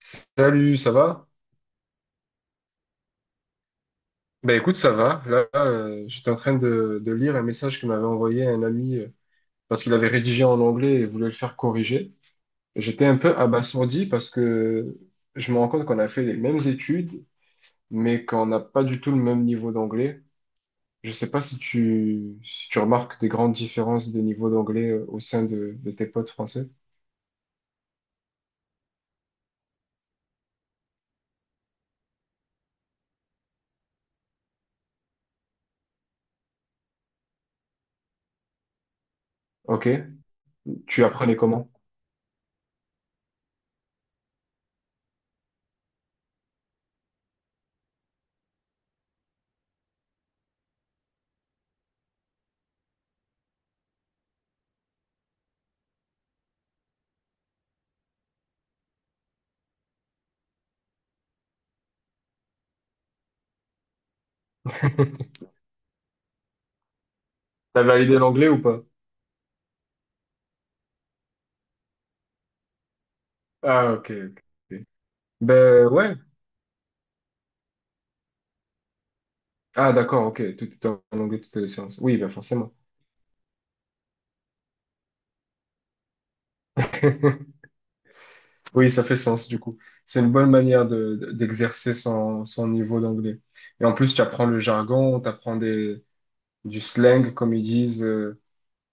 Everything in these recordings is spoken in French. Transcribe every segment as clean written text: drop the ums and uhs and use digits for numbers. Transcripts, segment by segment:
Salut, ça va? Ben écoute, ça va. Là, j'étais en train de lire un message que m'avait envoyé un ami parce qu'il avait rédigé en anglais et voulait le faire corriger. J'étais un peu abasourdi parce que je me rends compte qu'on a fait les mêmes études, mais qu'on n'a pas du tout le même niveau d'anglais. Je sais pas si si tu remarques des grandes différences de niveau d'anglais au sein de tes potes français. Ok, tu apprenais comment? T'as validé l'anglais ou pas? Ah, ok. Ok. Ok. Ben ouais. Ah, d'accord, ok. Tout est en anglais, toutes les séances. Oui, ben forcément. Oui, ça fait sens du coup. C'est une bonne manière d'exercer son niveau d'anglais. Et en plus, tu apprends le jargon, tu apprends des, du slang, comme ils disent,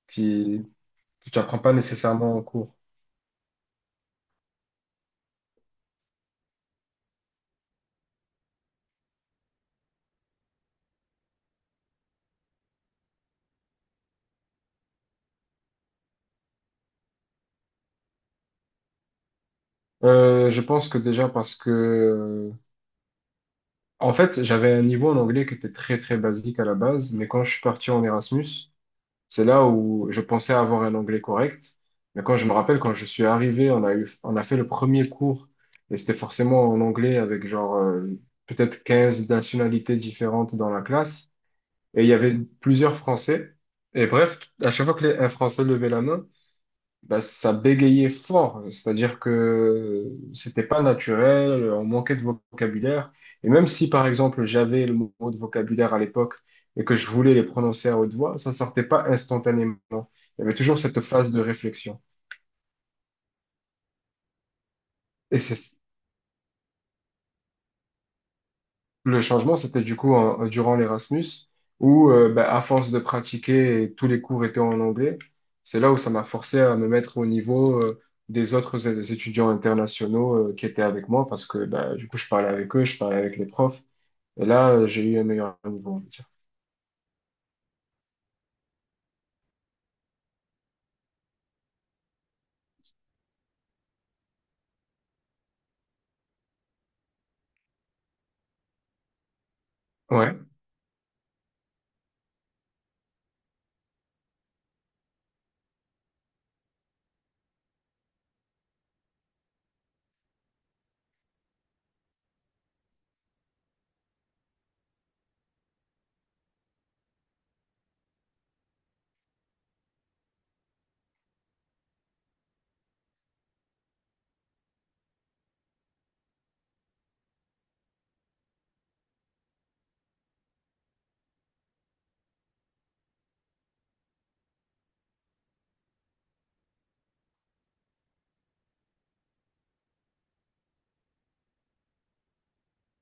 qui, que tu apprends pas nécessairement en cours. Je pense que déjà parce que, en fait, j'avais un niveau en anglais qui était très très basique à la base, mais quand je suis parti en Erasmus, c'est là où je pensais avoir un anglais correct. Mais quand je me rappelle, quand je suis arrivé, on a fait le premier cours et c'était forcément en anglais avec genre peut-être 15 nationalités différentes dans la classe. Et il y avait plusieurs Français. Et bref, à chaque fois qu'un Français levait la main, bah, ça bégayait fort, c'est-à-dire que c'était pas naturel, on manquait de vocabulaire. Et même si, par exemple, j'avais le mot de vocabulaire à l'époque et que je voulais les prononcer à haute voix, ça sortait pas instantanément. Il y avait toujours cette phase de réflexion. Et c'est Le changement, c'était du coup durant l'Erasmus, où bah, à force de pratiquer, tous les cours étaient en anglais. C'est là où ça m'a forcé à me mettre au niveau des autres étudiants internationaux qui étaient avec moi, parce que bah, du coup, je parlais avec eux, je parlais avec les profs, et là, j'ai eu un meilleur niveau, on va dire. Ouais,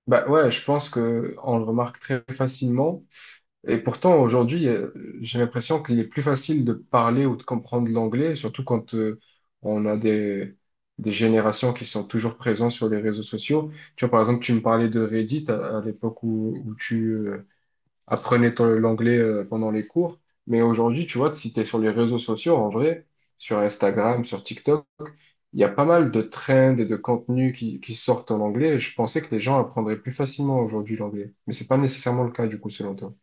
bah ouais, je pense que on le remarque très facilement. Et pourtant, aujourd'hui, j'ai l'impression qu'il est plus facile de parler ou de comprendre l'anglais, surtout quand on a des générations qui sont toujours présentes sur les réseaux sociaux. Tu vois, par exemple, tu me parlais de Reddit à l'époque où tu apprenais l'anglais pendant les cours. Mais aujourd'hui, tu vois, si tu es sur les réseaux sociaux, en vrai, sur Instagram, sur TikTok, il y a pas mal de trends et de contenus qui sortent en anglais. Et je pensais que les gens apprendraient plus facilement aujourd'hui l'anglais. Mais c'est pas nécessairement le cas, du coup, selon toi.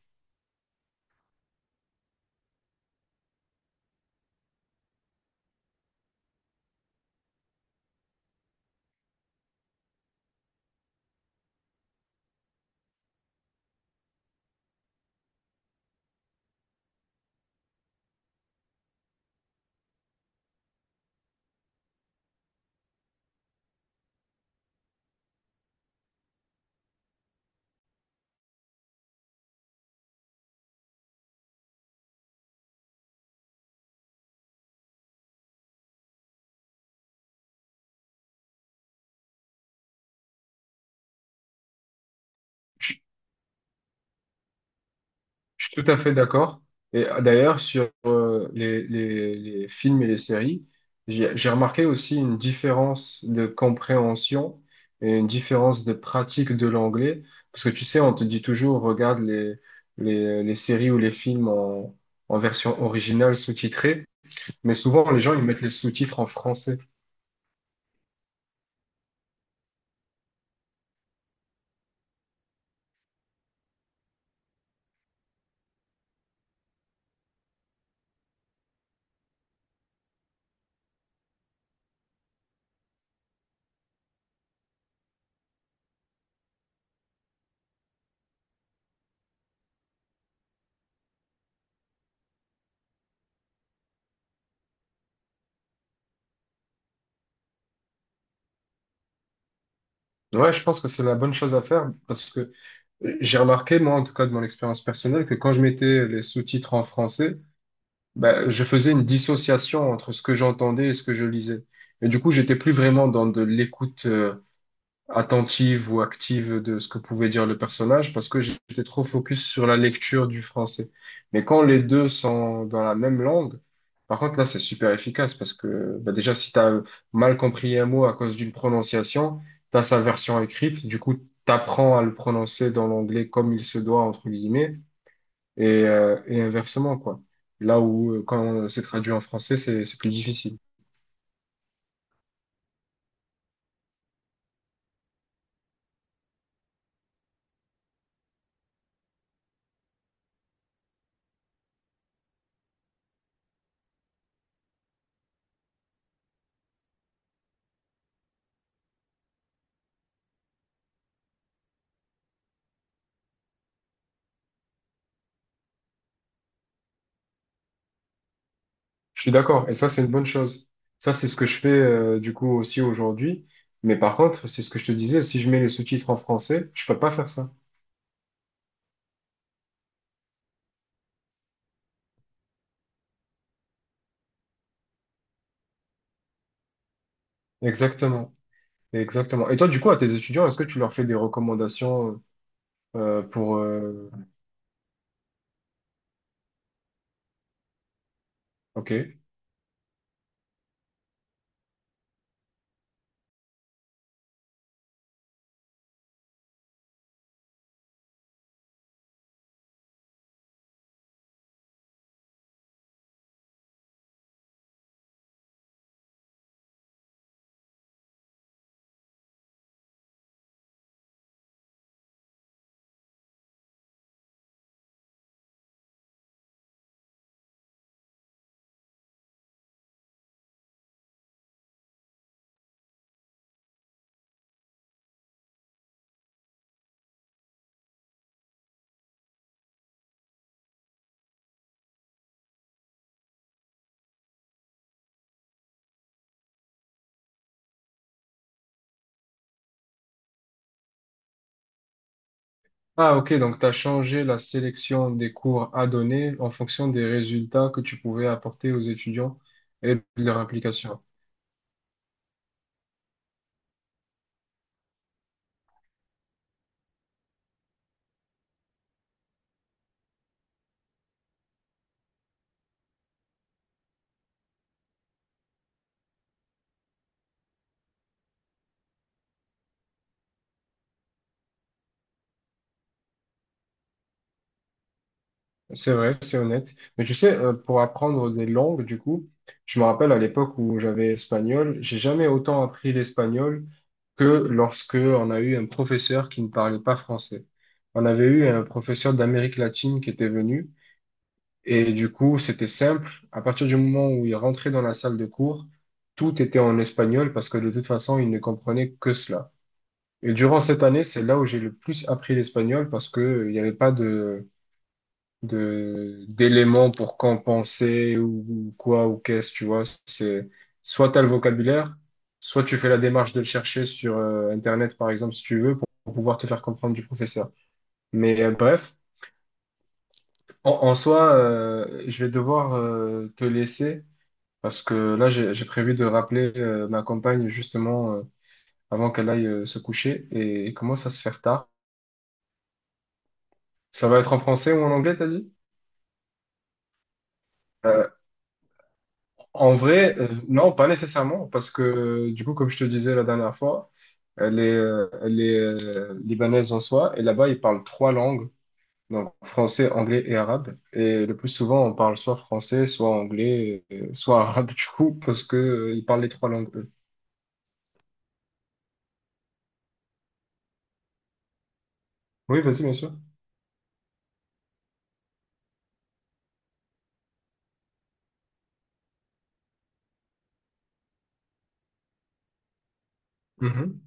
Je suis tout à fait d'accord. Et d'ailleurs, sur les films et les séries, j'ai remarqué aussi une différence de compréhension et une différence de pratique de l'anglais. Parce que tu sais, on te dit toujours, regarde les séries ou les films en version originale sous-titrée. Mais souvent, les gens, ils mettent les sous-titres en français. Ouais, je pense que c'est la bonne chose à faire parce que j'ai remarqué, moi, en tout cas de mon expérience personnelle, que quand je mettais les sous-titres en français, ben, je faisais une dissociation entre ce que j'entendais et ce que je lisais. Et du coup, j'étais plus vraiment dans de l'écoute attentive ou active de ce que pouvait dire le personnage parce que j'étais trop focus sur la lecture du français. Mais quand les deux sont dans la même langue, par contre, là, c'est super efficace parce que ben, déjà, si tu as mal compris un mot à cause d'une prononciation, tu as sa version écrite, du coup, tu apprends à le prononcer dans l'anglais comme il se doit, entre guillemets, et inversement, quoi. Là où, quand c'est traduit en français, c'est plus difficile. Je suis d'accord, et ça, c'est une bonne chose. Ça, c'est ce que je fais, du coup, aussi aujourd'hui. Mais par contre, c'est ce que je te disais, si je mets les sous-titres en français, je peux pas faire ça. Exactement. Exactement. Et toi, du coup, à tes étudiants, est-ce que tu leur fais des recommandations, euh, pour, euh, OK. Ah, OK, donc tu as changé la sélection des cours à donner en fonction des résultats que tu pouvais apporter aux étudiants et de leur implication. C'est vrai, c'est honnête. Mais tu sais, pour apprendre des langues, du coup, je me rappelle à l'époque où j'avais espagnol, j'ai jamais autant appris l'espagnol que lorsque on a eu un professeur qui ne parlait pas français. On avait eu un professeur d'Amérique latine qui était venu et du coup, c'était simple. À partir du moment où il rentrait dans la salle de cours, tout était en espagnol parce que de toute façon, il ne comprenait que cela. Et durant cette année, c'est là où j'ai le plus appris l'espagnol parce que il n'y avait pas de de d'éléments pour compenser ou quoi ou qu'est-ce, tu vois. C'est soit t'as le vocabulaire, soit tu fais la démarche de le chercher sur Internet, par exemple, si tu veux, pour pouvoir te faire comprendre du professeur. Mais bref, en, en soi, je vais devoir te laisser parce que là, j'ai prévu de rappeler ma compagne justement avant qu'elle aille se coucher et commence à se faire tard. Ça va être en français ou en anglais, t'as dit? En vrai, non, pas nécessairement, parce que du coup, comme je te disais la dernière fois, elle les elle libanaise en soi, et là-bas, ils parlent 3 langues, donc français, anglais et arabe. Et le plus souvent, on parle soit français, soit anglais, soit arabe, du coup, parce que, ils parlent les 3 langues, eux. Oui, vas-y, bien sûr. Mhm.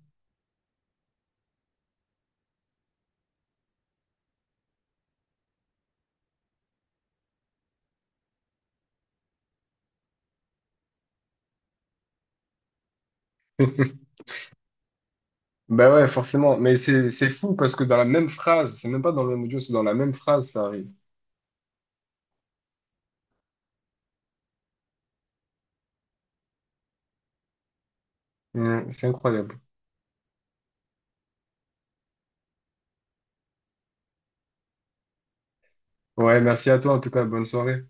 Ben ouais, forcément, mais c'est fou parce que dans la même phrase, c'est même pas dans le même audio, c'est dans la même phrase, ça arrive. Mhm, c'est incroyable. Ouais, merci à toi en tout cas, bonne soirée.